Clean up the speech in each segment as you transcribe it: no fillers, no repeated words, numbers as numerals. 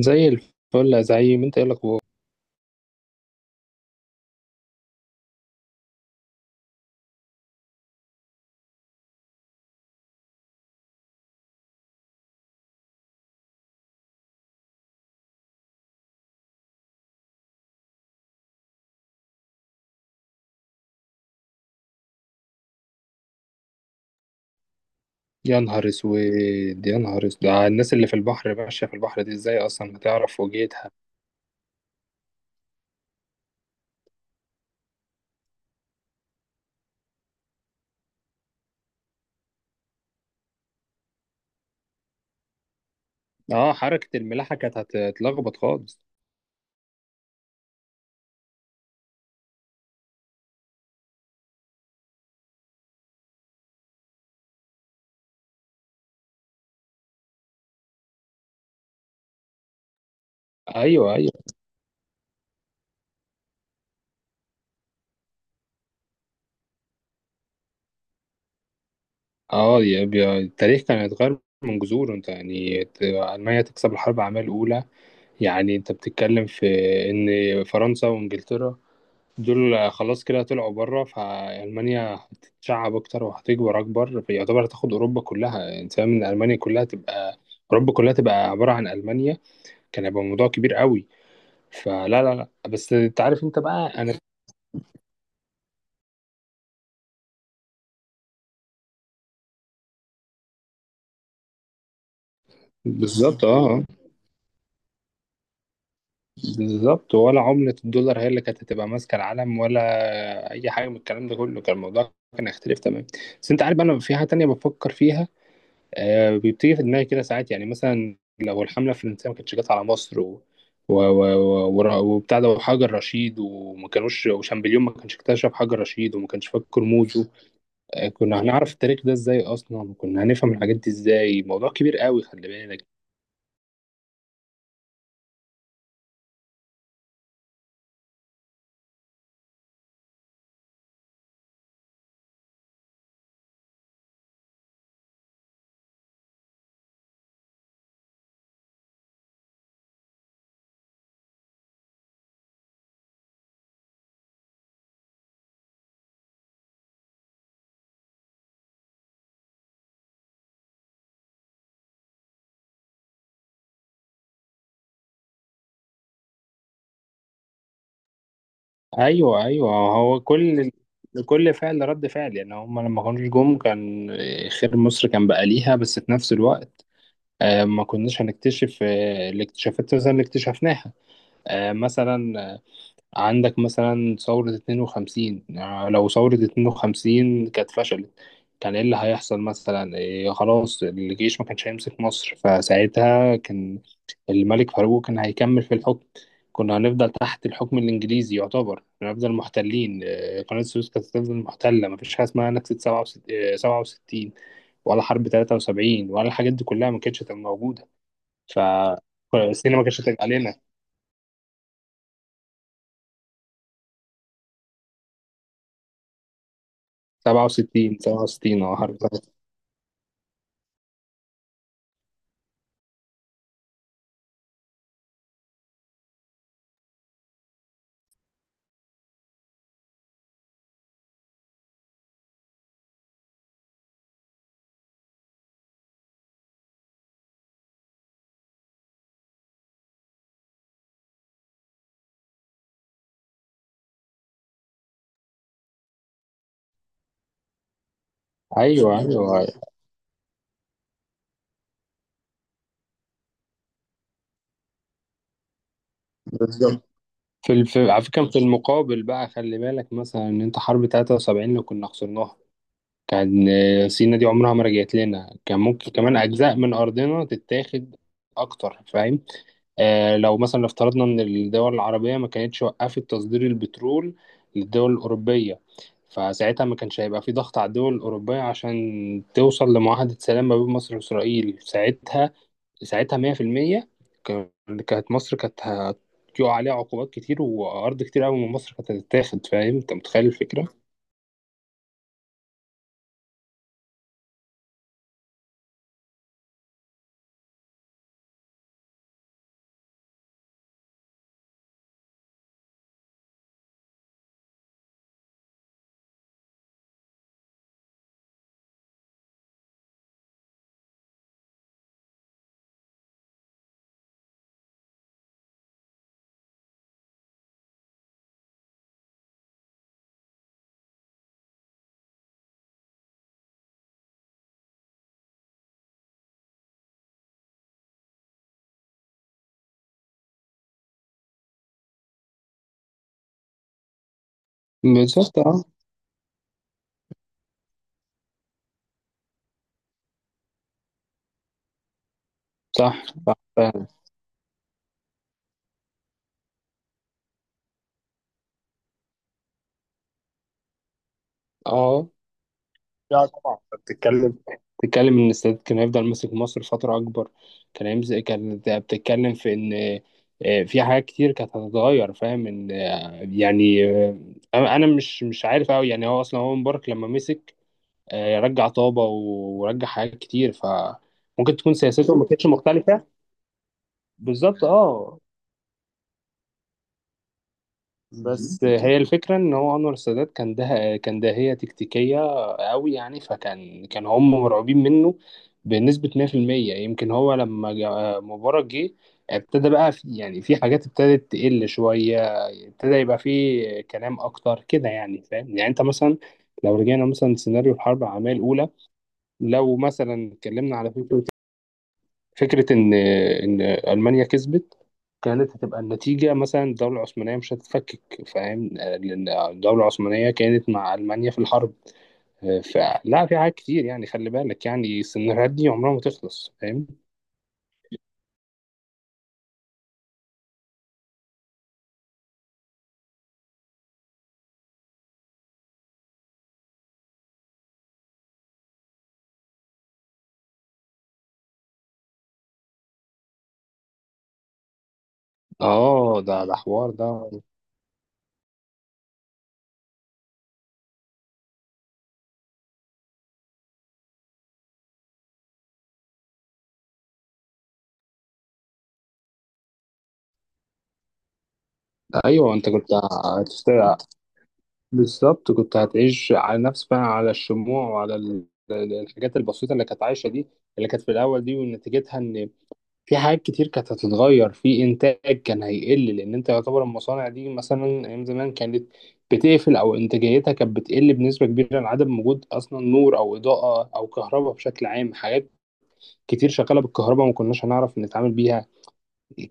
زي الفل يا زعيم، انت ايه الاخبار؟ يا نهار اسود يا نهار اسود، الناس اللي في البحر ماشيه في البحر دي ازاي اصلا هتعرف وجهتها؟ اه، حركه الملاحه كانت هتتلخبط خالص. ايوه ايوه. اه، التاريخ كان هيتغير من جذوره. انت يعني المانيا تكسب الحرب العالميه الاولى؟ يعني انت بتتكلم في ان فرنسا وانجلترا دول خلاص كده طلعوا بره، فألمانيا هتتشعب أكتر وهتكبر أكبر، فيعتبر هتاخد أوروبا كلها. أنت فاهم إن ألمانيا كلها تبقى، أوروبا كلها تبقى عبارة عن ألمانيا؟ كان هيبقى موضوع كبير قوي. فلا لا لا، بس أنت عارف، أنت بقى أنا. بالظبط أه. آه. بالظبط. ولا عملة الدولار هي اللي كانت هتبقى ماسكة العالم، ولا أي حاجة من الكلام ده كله؟ كان الموضوع كان هيختلف تمام. بس أنت عارف، أنا في حاجة تانية بفكر فيها. بيبتدي في دماغي كده ساعات، يعني مثلا لو الحملة الفرنسية ما كانتش جت على مصر و... و... وبتاع ده وحجر رشيد، وما كانوش، وشامبليون ما كانش اكتشف حجر رشيد وما كانش فاك كرموزه. كنا هنعرف التاريخ ده ازاي اصلا، وكنا هنفهم الحاجات دي ازاي؟ موضوع كبير قوي، خلي بالك. ايوه ايوه. هو كل فعل رد فعل، يعني هم لما كانوش جم كان، خير مصر كان بقى ليها، بس في نفس الوقت ما كناش هنكتشف الاكتشافات مثلا اللي اكتشفناها. مثلا عندك مثلا ثورة 52، لو ثورة 52 كانت فشلت، كان ايه اللي هيحصل مثلا؟ إيه، خلاص الجيش ما كانش هيمسك مصر، فساعتها كان الملك فاروق كان هيكمل في الحكم. كنا هنفضل تحت الحكم الإنجليزي، يعتبر هنفضل محتلين. قناة السويس كانت هتفضل محتلة. مفيش حاجة اسمها نكسة 67 67، ولا حرب 73، ولا الحاجات دي كلها ما كانتش هتبقى موجودة. فالسينما ما كانتش هتبقى علينا. 67 67، اه حرب. ايوه ايوه. بالظبط. على فكره، في المقابل بقى، خلي بالك مثلا ان انت حرب 73 اللي كنا خسرناها، كان، سينا دي عمرها ما رجعت لنا، كان ممكن كمان اجزاء من ارضنا تتاخد اكتر، فاهم؟ آه، لو مثلا افترضنا ان الدول العربيه ما كانتش وقفت تصدير البترول للدول الاوروبيه، فساعتها ما كانش هيبقى في ضغط على الدول الاوروبيه عشان توصل لمعاهده سلام ما بين مصر واسرائيل ساعتها. ساعتها 100%. كان- كانت مصر كانت هتقع عليها عقوبات كتير، وأرض كتير أوي من مصر كانت هتتاخد. فاهم؟ أنت متخيل الفكرة؟ بالظبط أه. صح صح فعلا. أه، لا طبعا، أنت بتتكلم. بتتكلم إن السادات كان هيفضل ماسك مصر فترة أكبر. كان بتتكلم في إن، في حاجات كتير كانت هتتغير. فاهم؟ إن، يعني أنا مش عارف أوي يعني. هو أصلا هو مبارك لما مسك، رجع طابة ورجع حاجات كتير، فممكن تكون سياسته ما كانتش مختلفة. بالظبط اه. بس هي الفكرة ان هو انور السادات كان، ده كان داهية تكتيكية قوي يعني، فكان كان هم مرعوبين منه بنسبة 100%. يمكن هو لما مبارك جه، ابتدى بقى في، يعني في حاجات ابتدت تقل شوية، ابتدى يبقى في كلام اكتر كده يعني. فاهم؟ يعني انت مثلا لو رجعنا مثلا سيناريو الحرب العالمية الأولى، لو مثلا اتكلمنا على فكرة، فكرة إن ألمانيا كسبت، كانت هتبقى النتيجة مثلا الدولة العثمانية مش هتتفكك، فاهم؟ لأن الدولة العثمانية كانت مع ألمانيا في الحرب. فلا، في حاجات كتير يعني، خلي بالك، يعني السيناريوهات دي عمرها ما تخلص. فاهم؟ اه، ده حوار ده. ايوه انت كنت هتسترع. بالظبط، كنت هتعيش على نفس بقى، على الشموع وعلى الحاجات البسيطة اللي كانت عايشة دي، اللي كانت في الأول دي، ونتيجتها إن في حاجات كتير كانت هتتغير. في انتاج كان هيقل، لان انت يعتبر المصانع دي مثلا ايام زمان كانت بتقفل، او انتاجيتها كانت بتقل بنسبه كبيره عن عدم وجود اصلا نور او اضاءه او كهرباء بشكل عام. حاجات كتير شغاله بالكهرباء ما كناش هنعرف نتعامل بيها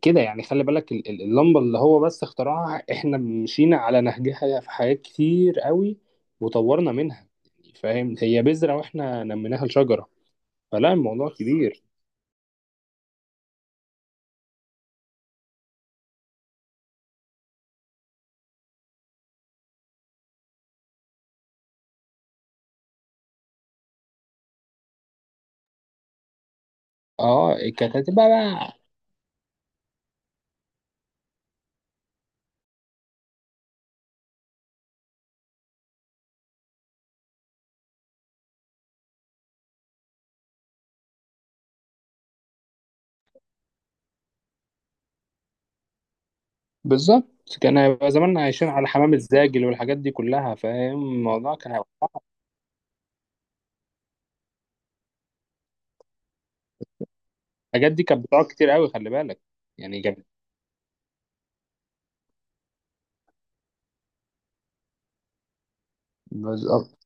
كده يعني. خلي بالك اللمبه اللي هو بس اخترعها، احنا مشينا على نهجها في حاجات كتير قوي، وطورنا منها. فاهم؟ هي بذره واحنا نميناها لشجره. فلا الموضوع كبير. اه، كانت هتبقى بقى. بالظبط، كان هيبقى زماننا عايشين على حمام الزاجل والحاجات دي كلها. فاهم؟ الموضوع كان هيبقى، الحاجات دي كانت بتقعد كتير قوي، خلي بالك. يعني بالظبط.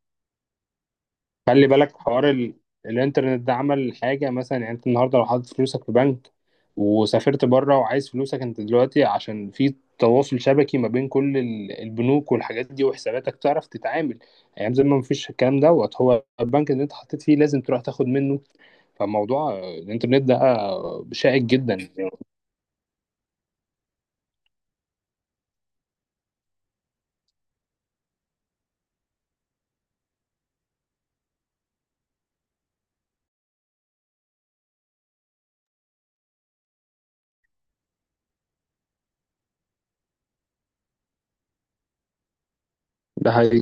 خلي بالك حوار الانترنت ده عمل حاجة مثلا. يعني انت النهاردة لو حاطط فلوسك في بنك وسافرت بره وعايز فلوسك، انت دلوقتي عشان في تواصل شبكي ما بين كل البنوك والحاجات دي وحساباتك، تعرف تتعامل. ايام زمان ما فيش الكلام دوت، هو البنك اللي انت حطيت فيه لازم تروح تاخد منه. فموضوع الانترنت ده شائك جدا. ده حقيقي.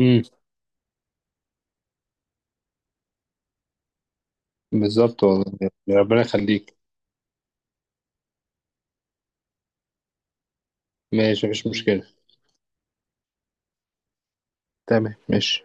امم بالظبط والله يعني، ربنا يخليك. ماشي مفيش مشكلة. تمام ماشي.